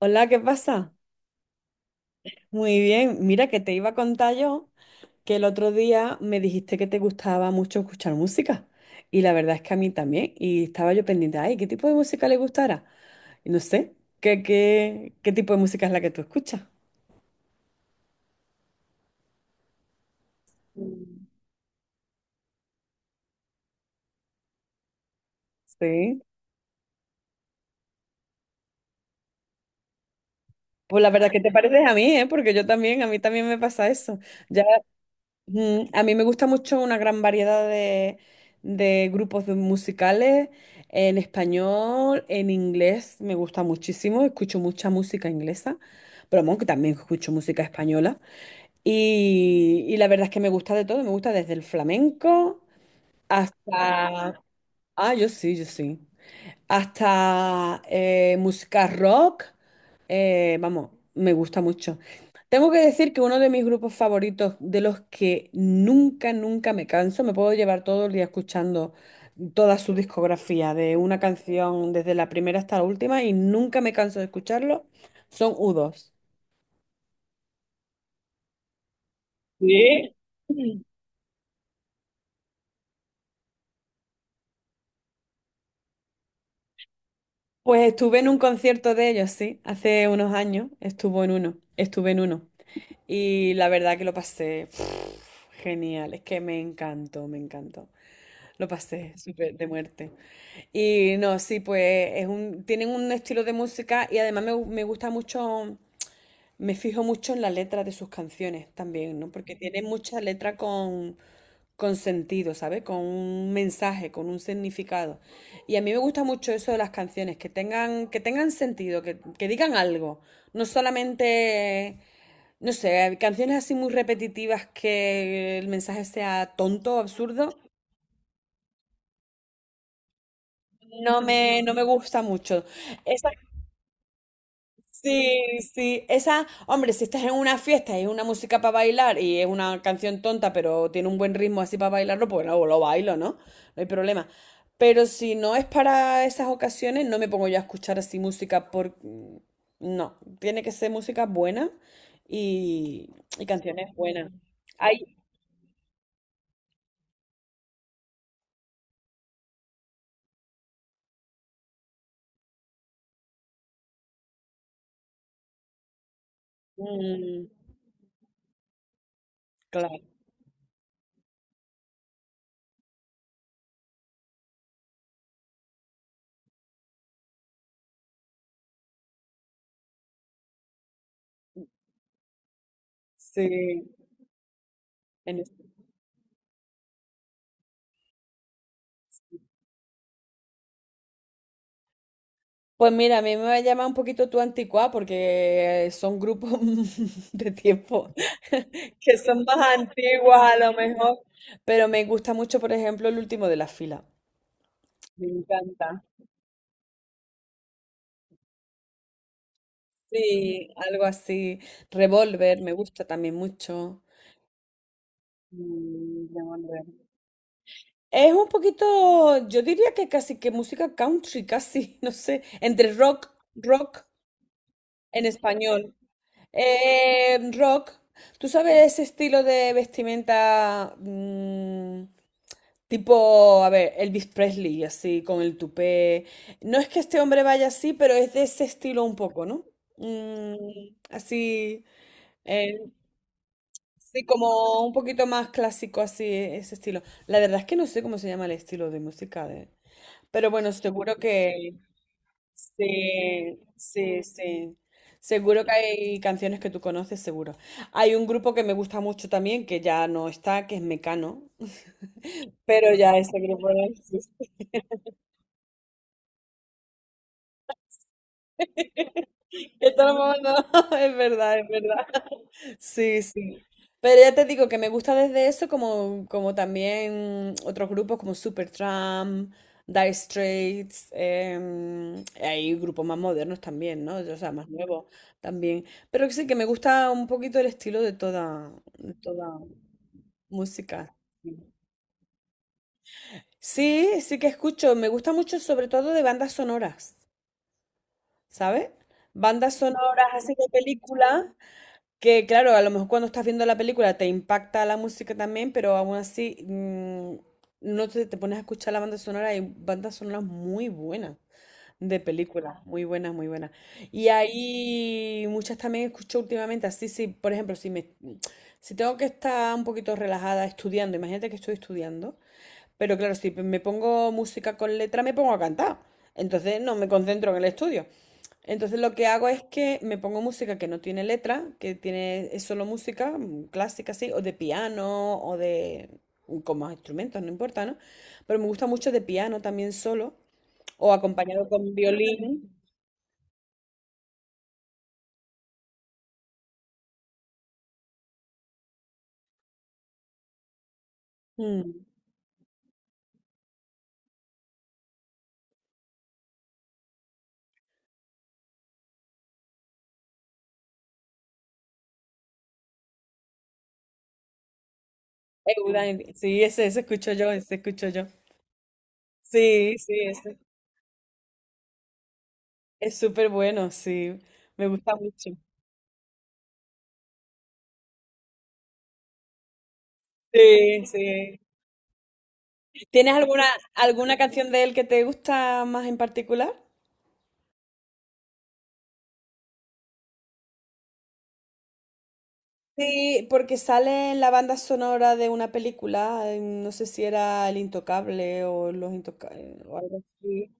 Hola, ¿qué pasa? Muy bien, mira que te iba a contar yo que el otro día me dijiste que te gustaba mucho escuchar música y la verdad es que a mí también y estaba yo pendiente, ay, ¿qué tipo de música le gustara? Y no sé, ¿qué tipo de música es la que tú escuchas? Sí. Pues la verdad es que te pareces a mí, ¿eh? Porque yo también, a mí también me pasa eso. Ya. Ujú. A mí me gusta mucho una gran variedad de grupos de musicales en español, en inglés, me gusta muchísimo, escucho mucha música inglesa, pero bueno, que también escucho música española. Y la verdad es que me gusta de todo, me gusta desde el flamenco hasta... Ah, yo sí, yo sí. Hasta música rock. Vamos, me gusta mucho. Tengo que decir que uno de mis grupos favoritos, de los que nunca, nunca me canso, me puedo llevar todo el día escuchando toda su discografía, de una canción desde la primera hasta la última, y nunca me canso de escucharlo, son U2. Pues estuve en un concierto de ellos, sí, hace unos años, estuvo en uno, estuve en uno. Y la verdad que lo pasé pf, genial, es que me encantó, me encantó. Lo pasé súper de muerte. Y no, sí, pues es un, tienen un estilo de música y además me gusta mucho, me fijo mucho en la letra de sus canciones también, ¿no? Porque tienen mucha letra con sentido, ¿sabes? Con un mensaje, con un significado. Y a mí me gusta mucho eso de las canciones, que tengan sentido, que digan algo. No solamente, no sé, canciones así muy repetitivas que el mensaje sea tonto, absurdo. No me gusta mucho. Esa. Sí, sí. Esa, hombre, si estás en una fiesta y es una música para bailar y es una canción tonta, pero tiene un buen ritmo así para bailarlo, pues no, lo bailo, ¿no? No hay problema. Pero si no es para esas ocasiones, no me pongo yo a escuchar así música por... No, tiene que ser música buena y, y canciones buenas. Hay... mm, claro, sí. Pues mira, a mí me llama un poquito tu anticuada porque son grupos de tiempo que son más antiguos a lo mejor, pero me gusta mucho, por ejemplo, el último de la fila. Me encanta. Sí, algo así. Revolver, me gusta también mucho. Revolver. Es un poquito, yo diría que casi que música country, casi, no sé, entre rock, rock en español. Rock. ¿Tú sabes ese estilo de vestimenta tipo, a ver, Elvis Presley, así, con el tupé? No es que este hombre vaya así, pero es de ese estilo un poco, ¿no? Mm, así, eh, sí, como un poquito más clásico, así, ese estilo. La verdad es que no sé cómo se llama el estilo de música de... Pero bueno, seguro que... Sí, sí, sí. Seguro que hay canciones que tú conoces, seguro. Hay un grupo que me gusta mucho también, que ya no está, que es Mecano. Pero ya ese grupo no existe. Esto lo hemos abandonado, es verdad, es verdad. Sí, sí. Pero ya te digo que me gusta desde eso como, como también otros grupos como Supertramp, Dire Straits, hay grupos más modernos también, ¿no? O sea, más nuevos también. Pero sí que me gusta un poquito el estilo de toda música. Sí, sí que escucho. Me gusta mucho sobre todo de bandas sonoras, ¿sabes? Bandas sonoras así de películas. Que claro, a lo mejor cuando estás viendo la película te impacta la música también, pero aún así no te, te pones a escuchar la banda sonora. Hay bandas sonoras muy buenas de películas, muy buenas, muy buenas. Y hay muchas también escucho últimamente, así sí, por ejemplo, si tengo que estar un poquito relajada estudiando, imagínate que estoy estudiando pero claro, si me pongo música con letra, me pongo a cantar. Entonces no me concentro en el estudio. Entonces lo que hago es que me pongo música que no tiene letra, que tiene, es solo música clásica así, o de piano, o de con más instrumentos, no importa, ¿no? Pero me gusta mucho de piano también solo, o acompañado con violín. Mm. Eudaimon, sí, ese escucho yo, ese escucho yo. Sí, sí, ese. Es súper bueno, sí. Me gusta mucho. Sí, sí. ¿Tienes alguna, alguna canción de él que te gusta más en particular? Sí, porque sale en la banda sonora de una película, no sé si era El Intocable o Los Intocables o algo así.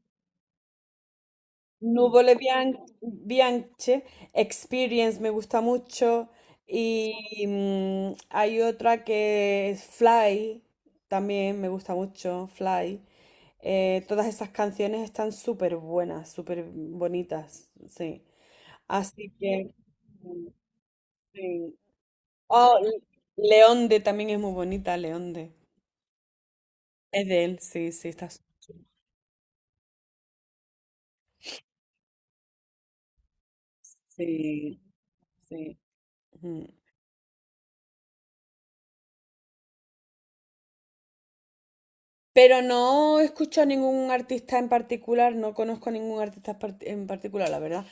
Bianche, Experience me gusta mucho y hay otra que es Fly, también me gusta mucho, Fly. Todas esas canciones están súper buenas, súper bonitas, sí. Así que, mm, sí. Oh, L- Leonde también es muy bonita, Leonde. Es de él, sí, sí, está. S- Sí, sí. Ujú. Pero no escucho a ningún artista en particular, no conozco a ningún artista par- en particular, la verdad.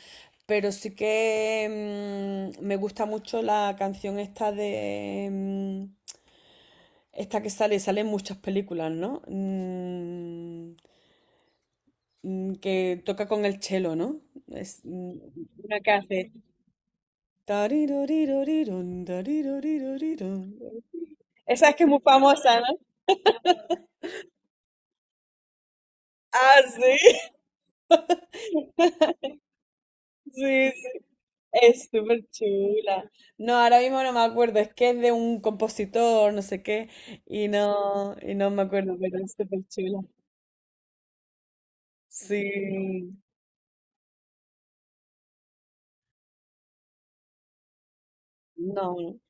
Pero sí que me gusta mucho la canción esta de... esta que sale, sale en muchas películas, ¿no? Que toca con el chelo, ¿no? Es una que hace. "Tariroriroriron, tariroriroriron". Esa es que es muy famosa, ¿no? Ah, sí, sí, sí. Es súper chula. No, ahora mismo no me acuerdo, es que es de un compositor, no sé qué, y no me acuerdo, pero es súper chula. Sí, no, no.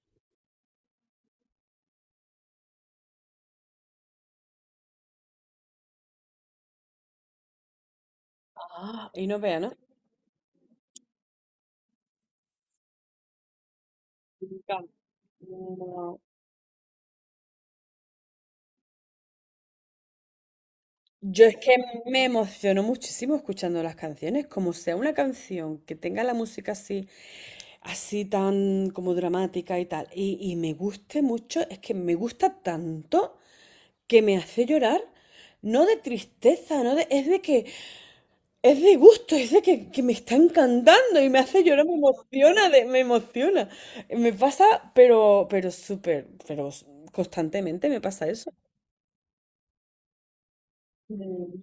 Ah, y no vea, ¿no? Nunca. No. Yo es que me emociono muchísimo escuchando las canciones, como sea una canción que tenga la música así, así tan como dramática y tal, y me guste mucho, es que me gusta tanto que me hace llorar, no de tristeza, no de, es de que, es de gusto, que me está encantando y me hace llorar, me emociona, me emociona. Me pasa, pero súper, pero constantemente me pasa eso. Mm.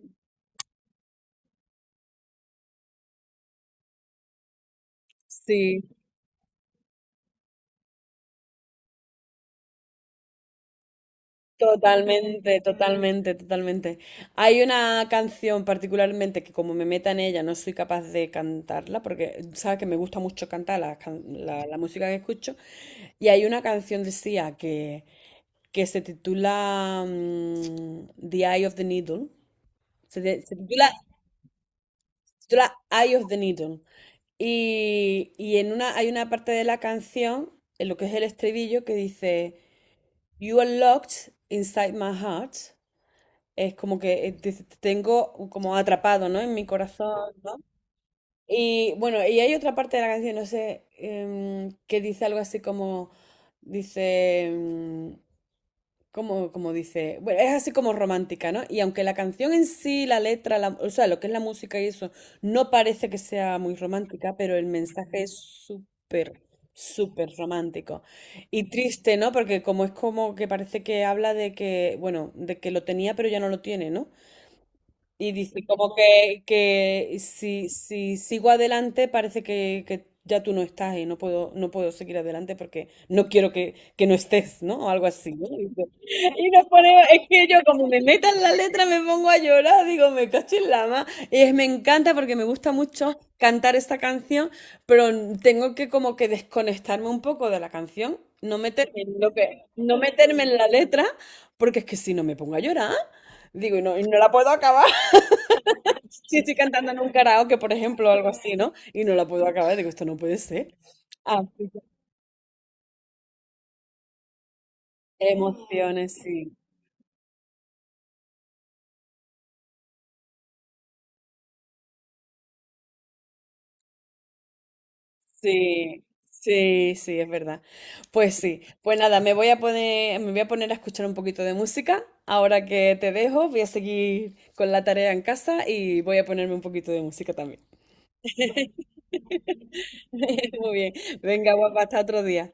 Sí. Totalmente, totalmente, totalmente. Hay una canción particularmente que como me meta en ella no soy capaz de cantarla porque sabes que me gusta mucho cantar la música que escucho y hay una canción de Sia que se titula The Eye of the Needle. Se, de- se titula, se titula Eye of the Needle. Y en una, hay una parte de la canción, en lo que es el estribillo, que dice You are locked inside my heart. Es como que te, te tengo como atrapado, ¿no? En mi corazón, ¿no? Y bueno, y hay otra parte de la canción, no sé, que dice algo así como, dice, como, como dice, bueno, es así como romántica, ¿no? Y aunque la canción en sí, la letra, o sea, lo que es la música y eso, no parece que sea muy romántica, pero el mensaje es súper, súper romántico. Y triste, ¿no? Porque como es como que parece que habla de que, bueno, de que lo tenía, pero ya no lo tiene, ¿no? Y dice como que, si sigo adelante parece que ya tú no estás y no puedo, no puedo seguir adelante porque no quiero que no estés, ¿no? O algo así, ¿no? Dice. Y nos pone, es que yo como me metan la letra me pongo a llorar, digo, me cacho en la ma. Y me encanta porque me gusta mucho cantar esta canción, pero tengo que como que desconectarme un poco de la canción, no meterme en lo que, no meterme en la letra, porque es que si no me pongo a llorar, digo, y no la puedo acabar. Sí, estoy cantando en un karaoke, por ejemplo, o algo así, ¿no? Y no la puedo acabar, digo, esto no puede ser. Así que- Emociones, sí, sí, sí, sí, es verdad. Pues sí, pues nada, me voy a poner a escuchar un poquito de música. Ahora que te dejo, voy a seguir con la tarea en casa y voy a ponerme un poquito de música también. Muy bien, venga, guapa, hasta otro día.